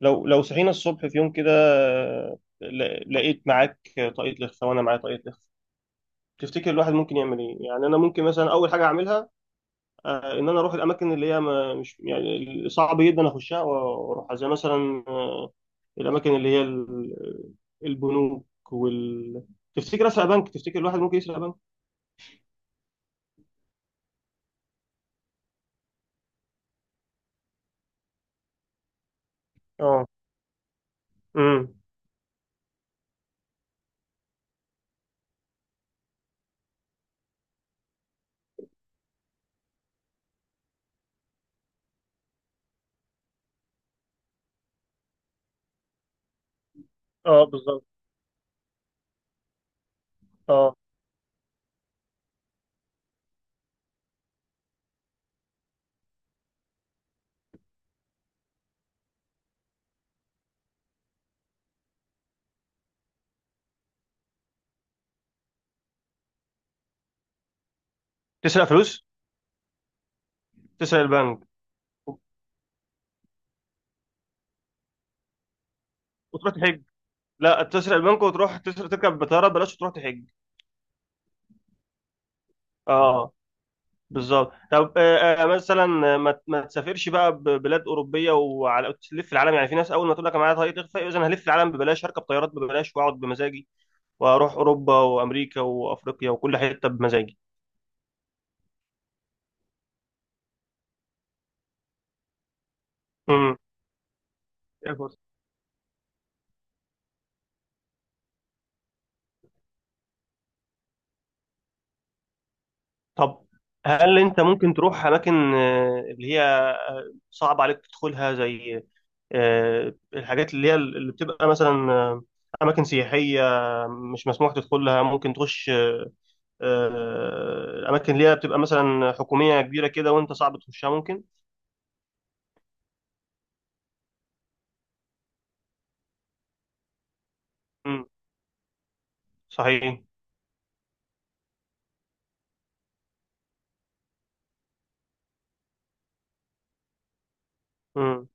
لو صحينا الصبح في يوم كده، لقيت معاك طاقية لخفة وأنا معايا طاقية لخفة. تفتكر الواحد ممكن يعمل إيه؟ يعني أنا ممكن مثلا أول حاجة أعملها، إن أنا أروح الأماكن اللي هي ما مش يعني صعب جدا أخشها وأروحها، زي مثلا الأماكن اللي هي البنوك وال تفتكر أسرق بنك؟ تفتكر الواحد ممكن يسرق بنك؟ اه. امم. اه بالظبط. اه. تسرق فلوس؟ تسرق البنك وتروح تحج؟ لا تسرق البنك وتروح تسرق تركب بطارة، بلاش تروح تحج. اه بالظبط. طب مثلا ما تسافرش بقى ببلاد اوروبيه، وعلى تلف العالم. يعني في ناس اول ما تقول لك انا معايا طريق تخفى، اذا انا هلف العالم ببلاش، هركب طيارات ببلاش واقعد بمزاجي، واروح اوروبا وامريكا وافريقيا وكل حته بمزاجي. امم. طب هل انت ممكن تروح اماكن اللي هي صعب عليك تدخلها، زي الحاجات اللي هي اللي بتبقى مثلا، اماكن سياحيه مش مسموح تدخلها، ممكن تخش آه، الاماكن اللي هي بتبقى مثلا حكوميه كبيره كده وانت صعب تخشها، ممكن. امم. صحيح. امم.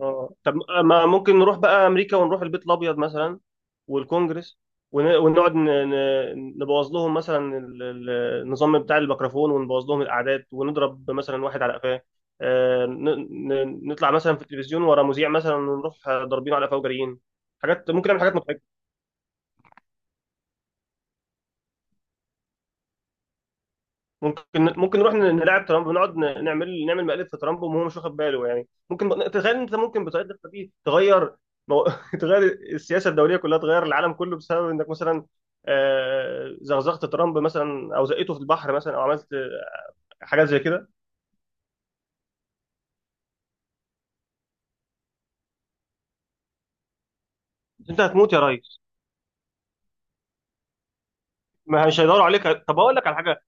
اه. طب ما ممكن نروح بقى امريكا ونروح البيت الابيض مثلا، والكونجرس، ونقعد نبوظ لهم مثلا النظام بتاع الميكروفون، ونبوظ لهم الاعداد، ونضرب مثلا واحد على قفاه. نطلع مثلا في التلفزيون ورا مذيع مثلا ونروح ضاربينه على قفاه وجاريين. حاجات ممكن نعمل حاجات مضحكه. ممكن نروح نلعب ترامب، ونقعد نعمل مقلب في ترامب وهو مش واخد باله. يعني ممكن تخيل انت ممكن بطريقتك دي تغير، مو... تغير السياسه الدوليه كلها، تغير العالم كله بسبب انك مثلا زغزغت ترامب مثلا، او زقيته في البحر مثلا، او عملت حاجات زي كده. انت هتموت يا ريس. ما مش هيدوروا عليك. طب اقول لك على حاجه،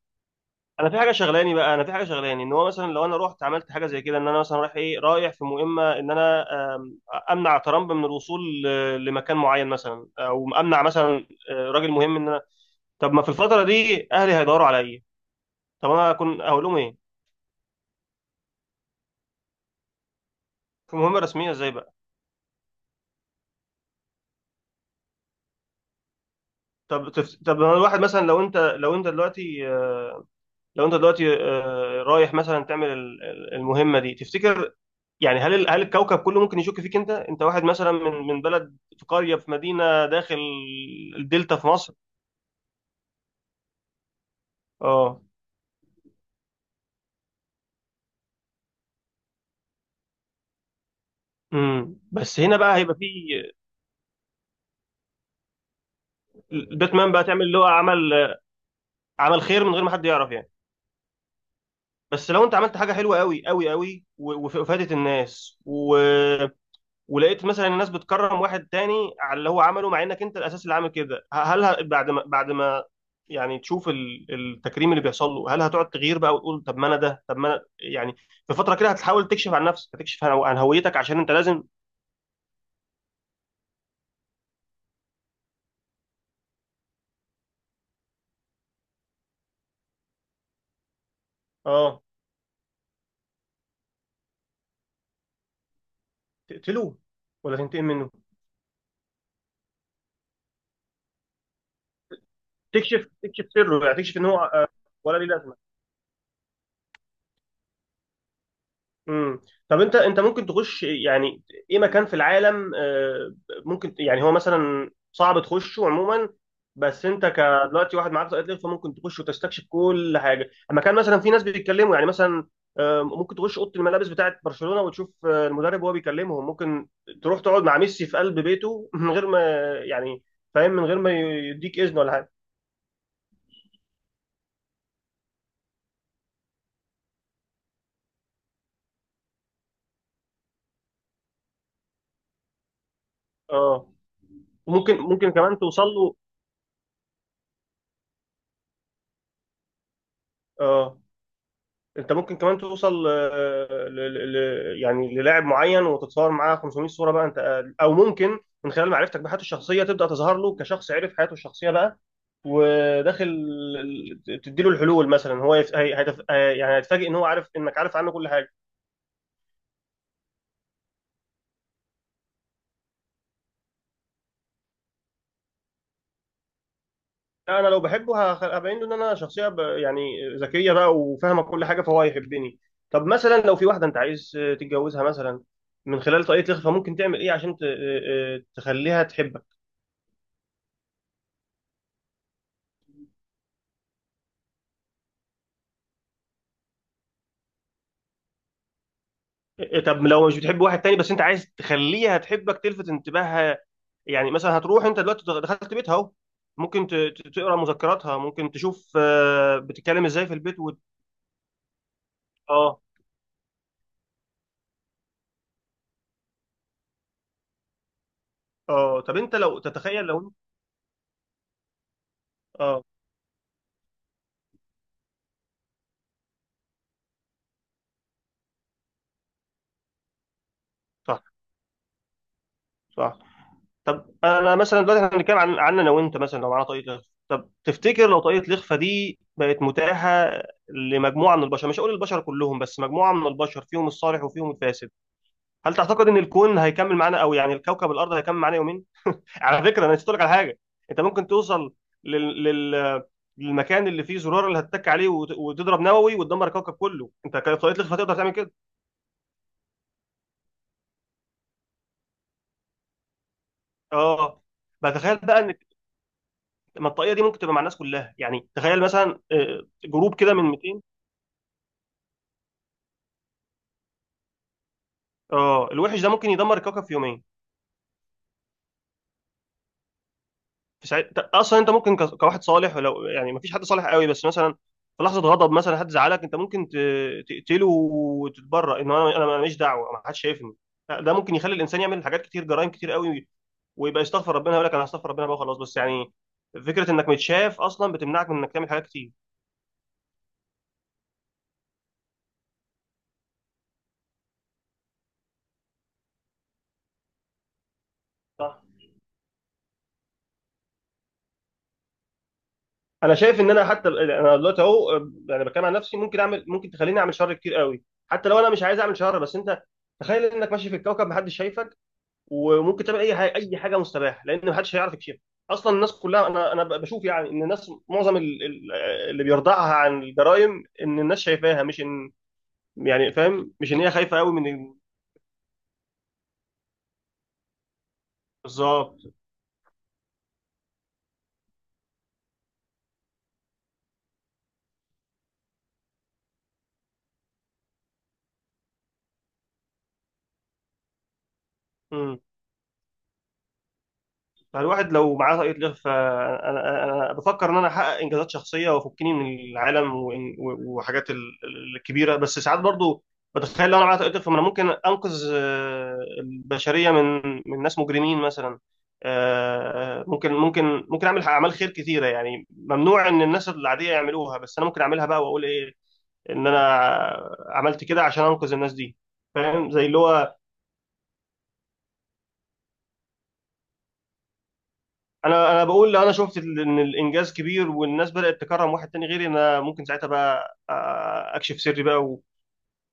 انا في حاجه شغلاني ان هو مثلا لو انا رحت عملت حاجه زي كده، ان انا مثلا رايح ايه، رايح في مهمه، ان انا آم، امنع ترامب من الوصول لمكان معين مثلا، او امنع مثلا راجل مهم، ان انا. طب ما في الفتره دي اهلي هيدوروا عليا. طب انا اكون اقول لهم ايه؟ في مهمه رسميه ازاي بقى؟ طب أنا الواحد مثلا، لو انت دلوقتي رايح مثلا تعمل المهمه دي، تفتكر يعني هل هل الكوكب كله ممكن يشك فيك؟ انت واحد مثلا من بلد في قريه في مدينه داخل الدلتا في مصر. اه. امم. بس هنا بقى هيبقى في. باتمان بقى، تعمل اللي هو عمل خير من غير ما حد يعرف يعني. بس لو انت عملت حاجه حلوه قوي قوي قوي وفادت الناس، و ولقيت مثلا الناس بتكرم واحد تاني على اللي هو عمله، مع انك انت الاساس اللي عامل كده، هل بعد ما يعني تشوف التكريم اللي بيحصل له، هل هتقعد تغير بقى وتقول طب ما انا ده، طب ما انا يعني في فتره كده هتحاول تكشف عن نفسك، هتكشف عن هويتك، عشان انت لازم. اه. تقتله ولا تنتقم منه؟ تكشف سره يعني، تكشف ان هو ولا ليه لازمه. امم. طب انت ممكن تخش يعني ايه مكان في العالم، ممكن يعني هو مثلا صعب تخشه عموما، بس انت كدلوقتي واحد معاك طاقه ليه، فممكن تخش وتستكشف كل حاجه. مكان مثلا في ناس بيتكلموا يعني مثلا، ممكن تخش اوضه الملابس بتاعه برشلونه وتشوف المدرب وهو بيكلمهم. ممكن تروح تقعد مع ميسي في قلب بيته من غير ما يعني فاهم، من غير ما يديك اذن ولا حاجه. اه ممكن كمان توصل له. اه انت ممكن كمان توصل يعني للاعب معين وتتصور معاه 500 صوره بقى انت، او ممكن من خلال معرفتك بحياته الشخصيه تبدا تظهر له كشخص عرف حياته الشخصيه بقى، وداخل تديله الحلول مثلا. هو يف... هي... هيتف... هي- يعني هيتفاجئ ان هو عارف انك عارف عنه كل حاجه. لا انا لو بحبه هبين له ان انا شخصيه يعني ذكيه بقى وفاهمه كل حاجه، فهو هيحبني. طب مثلا لو في واحده انت عايز تتجوزها مثلا، من خلال طريقه الاخفاء ممكن تعمل ايه عشان ت... آه، آه، تخليها تحبك؟ إيه، طب لو مش بتحب واحد تاني، بس انت عايز تخليها تحبك، تلفت انتباهها يعني، مثلا هتروح انت دلوقتي دخلت بيتها اهو، ممكن تقرا مذكراتها، ممكن تشوف بتتكلم ازاي في البيت اه. اه، طب انت لو تتخيل لو. اه. صح. صح. طب انا مثلا دلوقتي احنا بنتكلم عن انا وانت مثلا لو معانا طاقية لخفة. طب تفتكر لو طاقية الإخفاء دي بقت متاحة لمجموعة من البشر، مش هقول البشر كلهم بس مجموعة من البشر فيهم الصالح وفيهم الفاسد، هل تعتقد ان الكون هيكمل معانا؟ او يعني الكوكب الارض هيكمل معانا يومين؟ على فكره انا نسيت لك على حاجه. انت ممكن توصل لل... لل... للمكان اللي فيه زرار اللي هتتك عليه وتضرب نووي وتدمر الكوكب كله، انت كطريقه لخفه هتقدر تعمل كده؟ اه بقى، تخيل بقى ان ما الطاقيه دي ممكن تبقى مع الناس كلها، يعني تخيل مثلا جروب كده من 200. اه الوحش ده ممكن يدمر الكوكب في يومين. اصلا انت ممكن كواحد صالح، ولو يعني مفيش حد صالح قوي، بس مثلا في لحظه غضب مثلا حد زعلك، انت ممكن تقتله وتتبرأ ان انا، انا ماليش دعوه ما حدش شايفني. لا، ده ممكن يخلي الانسان يعمل حاجات كتير، جرائم كتير قوي، ويبقى يستغفر ربنا يقول لك انا هستغفر ربنا بقى خلاص. بس يعني فكره انك متشاف اصلا بتمنعك من انك تعمل حاجات كتير. صح. انا شايف ان انا حتى انا دلوقتي اهو، يعني بتكلم عن نفسي، ممكن تخليني اعمل شر كتير قوي، حتى لو انا مش عايز اعمل شر. بس انت تخيل انك ماشي في الكوكب محدش شايفك وممكن تعمل اي حاجه، اي حاجه مستباح لان محدش هيعرف يكشفها. اصلا الناس كلها، انا بشوف يعني ان الناس معظم اللي بيرضعها عن الجرائم ان الناس شايفاها، مش ان يعني فاهم، مش ان هي خايفه قوي من بالظبط. فالواحد لو معاه طاقة لغة، فأنا أنا بفكر إن أنا أحقق إنجازات شخصية وأفكني من العالم، وحاجات الكبيرة. بس ساعات برضو بتخيل لو أنا معايا طاقة لغة، فأنا ممكن أنقذ البشرية من ناس مجرمين مثلا، ممكن أعمل أعمال خير كتيرة، يعني ممنوع إن الناس العادية يعملوها بس أنا ممكن أعملها بقى وأقول إيه، إن أنا عملت كده عشان أنقذ الناس دي، فاهم زي اللي هو. انا بقول لو انا شفت ان الانجاز كبير والناس بدات تكرم واحد تاني غيري، انا ممكن ساعتها بقى اكشف سري بقى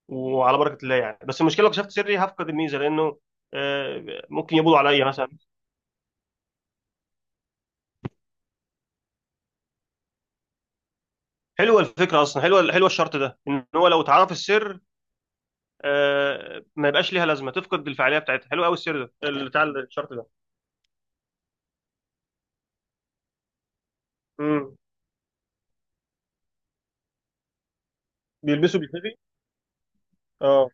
وعلى بركه الله يعني. بس المشكله لو كشفت سري هفقد الميزه لانه، ممكن يبولوا عليا مثلا. حلوه الفكره اصلا، حلوه حلوه الشرط ده، ان هو لو اتعرف السر ما يبقاش ليها لازمه، تفقد الفعاليه بتاعتها. حلو قوي السر ده بتاع الشرط ده. امم. بيلبسوا بيتنبي. اه.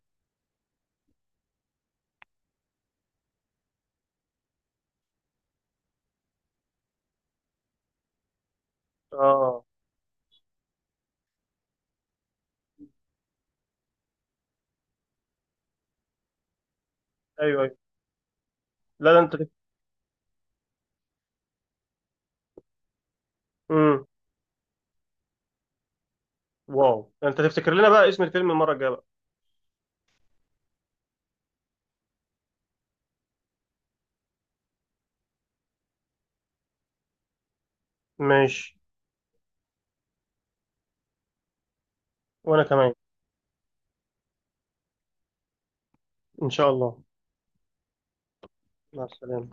اه. ايوه ايوه. لا ده انت امم. واو، ده انت تفتكر لنا بقى اسم الفيلم المره الجايه بقى. ماشي. وانا كمان. إن شاء الله. مع السلامة.